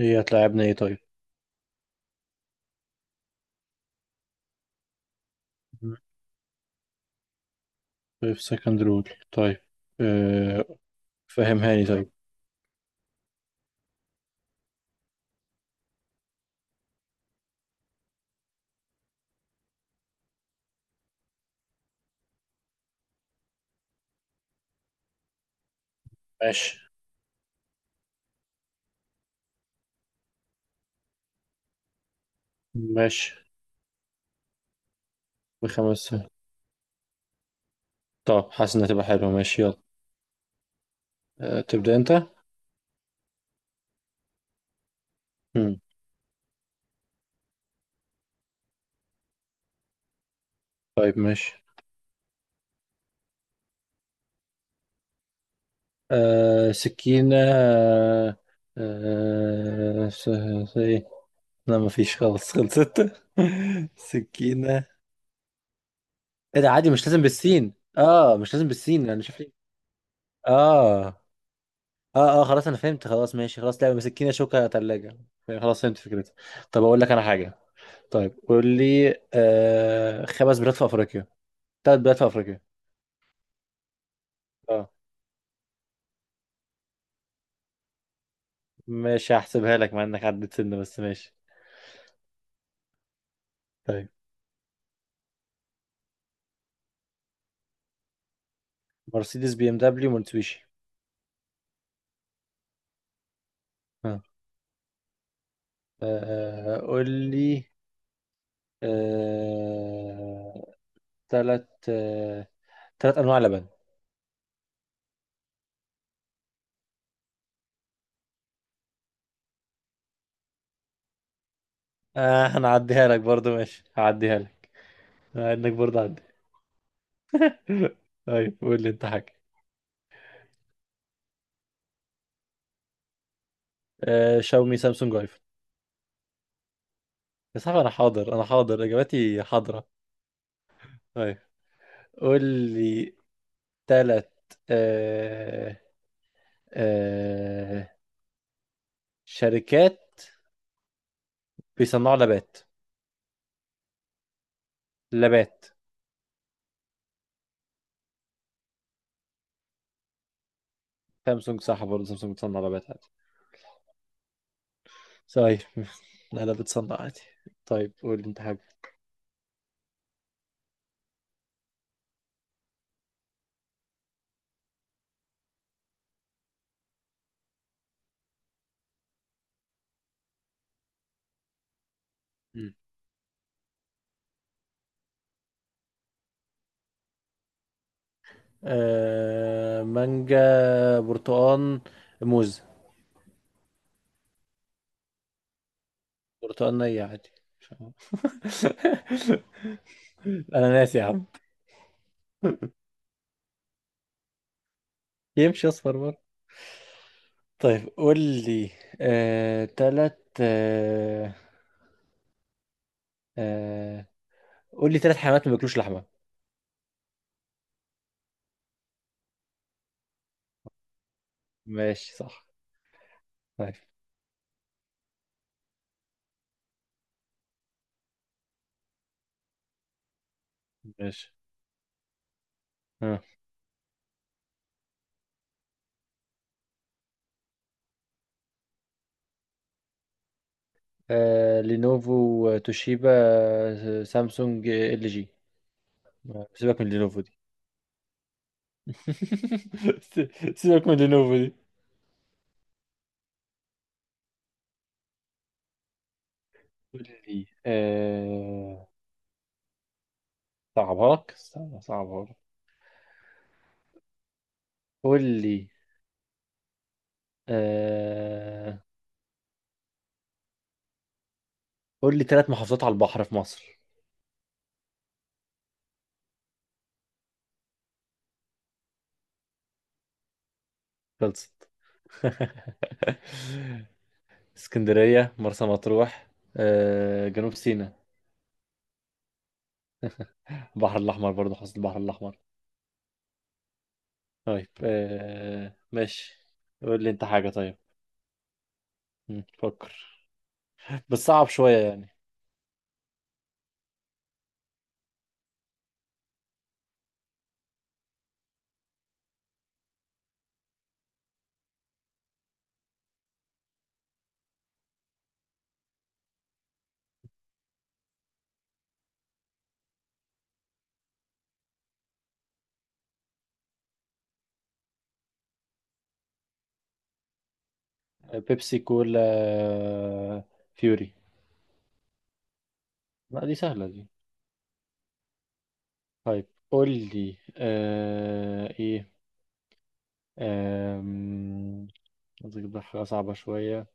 هي هتلاعبنا ايه؟ طيب. في سكند رول؟ طيب. أه، فهمهاني طيب. ماشي. ماشي، بخمسة. طب، حاسس انها تبقى حلوة، ماشي، يلا. أه، تبدأ انت. مم. طيب، ماشي. أه، سكينة، أه، أه، ايه، لا مفيش، خلاص خلصت. سكينة. ايه ده؟ عادي مش لازم بالسين، اه، مش لازم بالسين، انا شايف ليه. اه، اه، اه، خلاص انا فهمت، خلاص، ماشي، خلاص، لعبه، مسكينه، شوكه، ثلاجه. خلاص فهمت فكرتها. طب اقول لك انا حاجه. طيب قول لي، خمس بلاد في افريقيا. ثلاث بلاد في افريقيا. اه، ماشي، هحسبها لك مع انك عديت سنه، بس ماشي. طيب. مرسيدس، BMW، مرتسويشي. اه. قول لي آه ثلاث آه ثلاث انواع لبن. اه، هنعديها لك برضو، ماشي هعديها لك مع انك برضو عدي. طيب قول لي انت حاجه. شاومي، سامسونج، ايفون. يا صاحبي، انا حاضر، انا حاضر، اجاباتي حاضرة. طيب، قول لي ثلاث آه آه شركات بيصنعوا لبات. لبات. سامسونج صح برضه، سامسونج بتصنع لبات عادي. طيب. لا لا، بتصنع عادي. طيب قول لي انت حاجة. مم. مانجا، برتقال، موز. برتقال نية عادي. انا ناسي يا عم. يمشي اصفر. طيب قول لي، آه... تلات آه... آه... تلات حيوانات ما بياكلوش لحمة. ماشي صح. طيب. ماشي آه. لينوفو، توشيبا، سامسونج، LG. سيبك من لينوفو دي. س- سيبك من لينوفو دي. قول لي صعبها لك، استنى، صعبها لك. قول لي آه... قول لي تلات محافظات على البحر في مصر. خلصت. اسكندرية، مرسى مطروح، جنوب سيناء. البحر الأحمر برضه، حوض البحر الأحمر. طيب، ماشي. قول لي أنت حاجة، طيب. فكر، بس صعب شوية يعني. بيبسي، كولا، فيوري. لا دي سهلة دي. طيب قول لي إيه، آم، عايز أجيب لك حاجة صعبة شوية.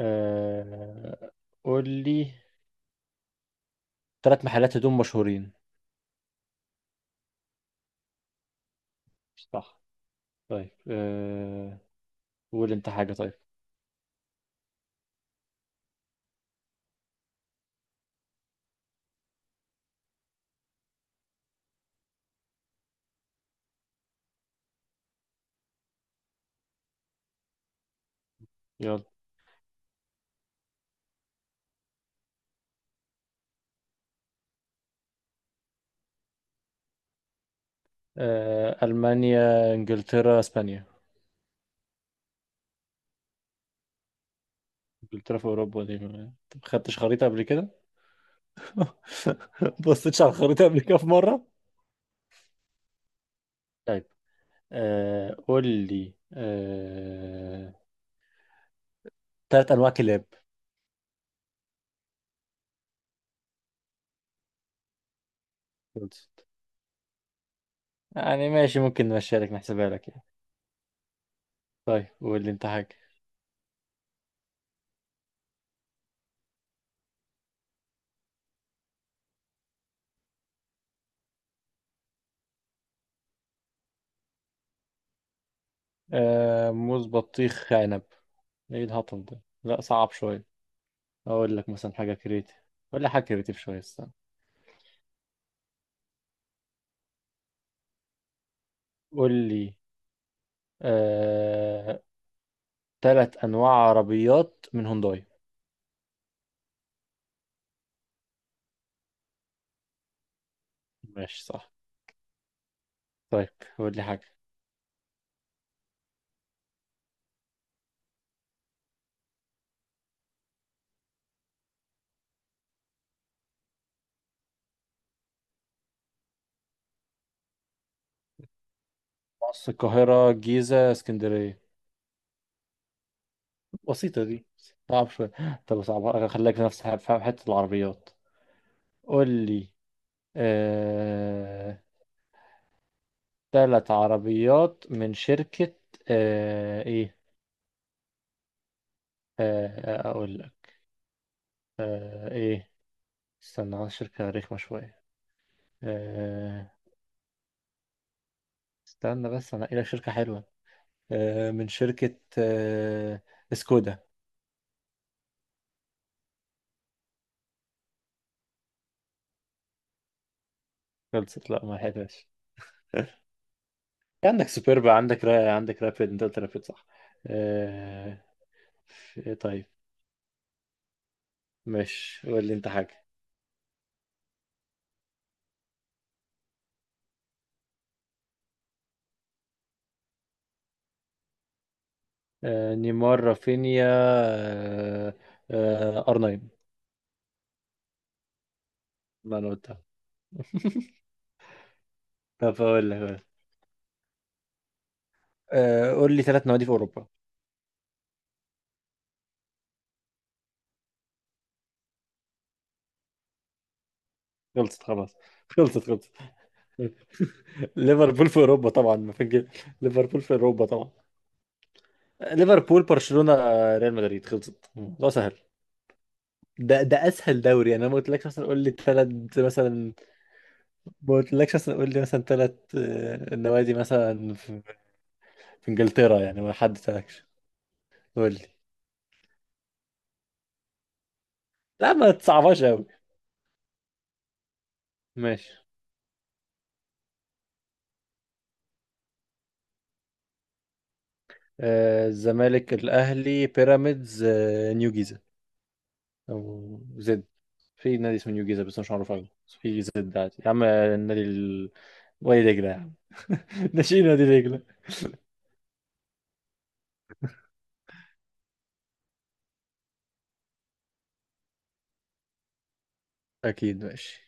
آه، قول لي ثلاث محلات هدوم مشهورين. صح. طيب، قول أنت حاجة، طيب. يلا. ألمانيا، إنجلترا، إسبانيا. إنجلترا في أوروبا، دي ما خدتش خريطة قبل كده؟ ما بصيتش على الخريطة قبل كده في مرة؟ طيب، قول لي تلات أنواع كلاب. خلصت. يعني ماشي، ممكن نمشيها لك نحسبها لك يعني. طيب قول لي أنت حاجة. موز، بطيخ، عنب. إيه الهطل ده؟ لا صعب شوية. أقول لك مثلا حاجة كريتيف، ولا حاجة كريتيف شوية، استنى. قول لي آه، تلات أنواع عربيات من هونداي. ماشي صح. طيب قول لي حاجة. مصر، القاهرة، الجيزة، اسكندرية. بسيطة دي. صعب شوية. طب صعب، خليك في نفس ح- في حتة العربيات. قول لي آه... تلات عربيات من شركة آه... ايه آه... آه، اقول لك آه... ايه استنى على شركة رخمة شوية. آه... استنى بس انا لك شركة حلوة، من شركة سكودا. خلصت، لا ما لحقتهاش. عندك سوبربا، عندك رابيد، انت قلت رابيد صح؟ آه... إيه؟ طيب، ماشي، قول لي انت حاجة. نيمار، رافينيا، R9. ما انا قلتها. طب اقول لك، أقول لك. قول لي ثلاث نوادي في اوروبا. خلصت، خلاص، خلصت، خلصت. ليفربول في اوروبا طبعا، ما فين كده؟ ليفربول في اوروبا طبعا. ليفربول، برشلونة، ريال مدريد، خلصت، ده سهل. ده اسهل دوري يعني، انا ما قلتلكش مثلا قول لي ثلاث مثلا، ما قلتلكش مثلا قول لي مثلا ثلاث نوادي مثلا في انجلترا يعني، ما حددتلكش. قول لي، لا ما تصعبهاش قوي، ماشي. الزمالك، الاهلي، بيراميدز، نيو جيزه، او زد. في نادي اسمه نيو جيزه بس مش معروف قوي، بس في زد عادي يا عم، النادي وادي دجله يا عم. ناشئين نادي دجله. اكيد، ماشي.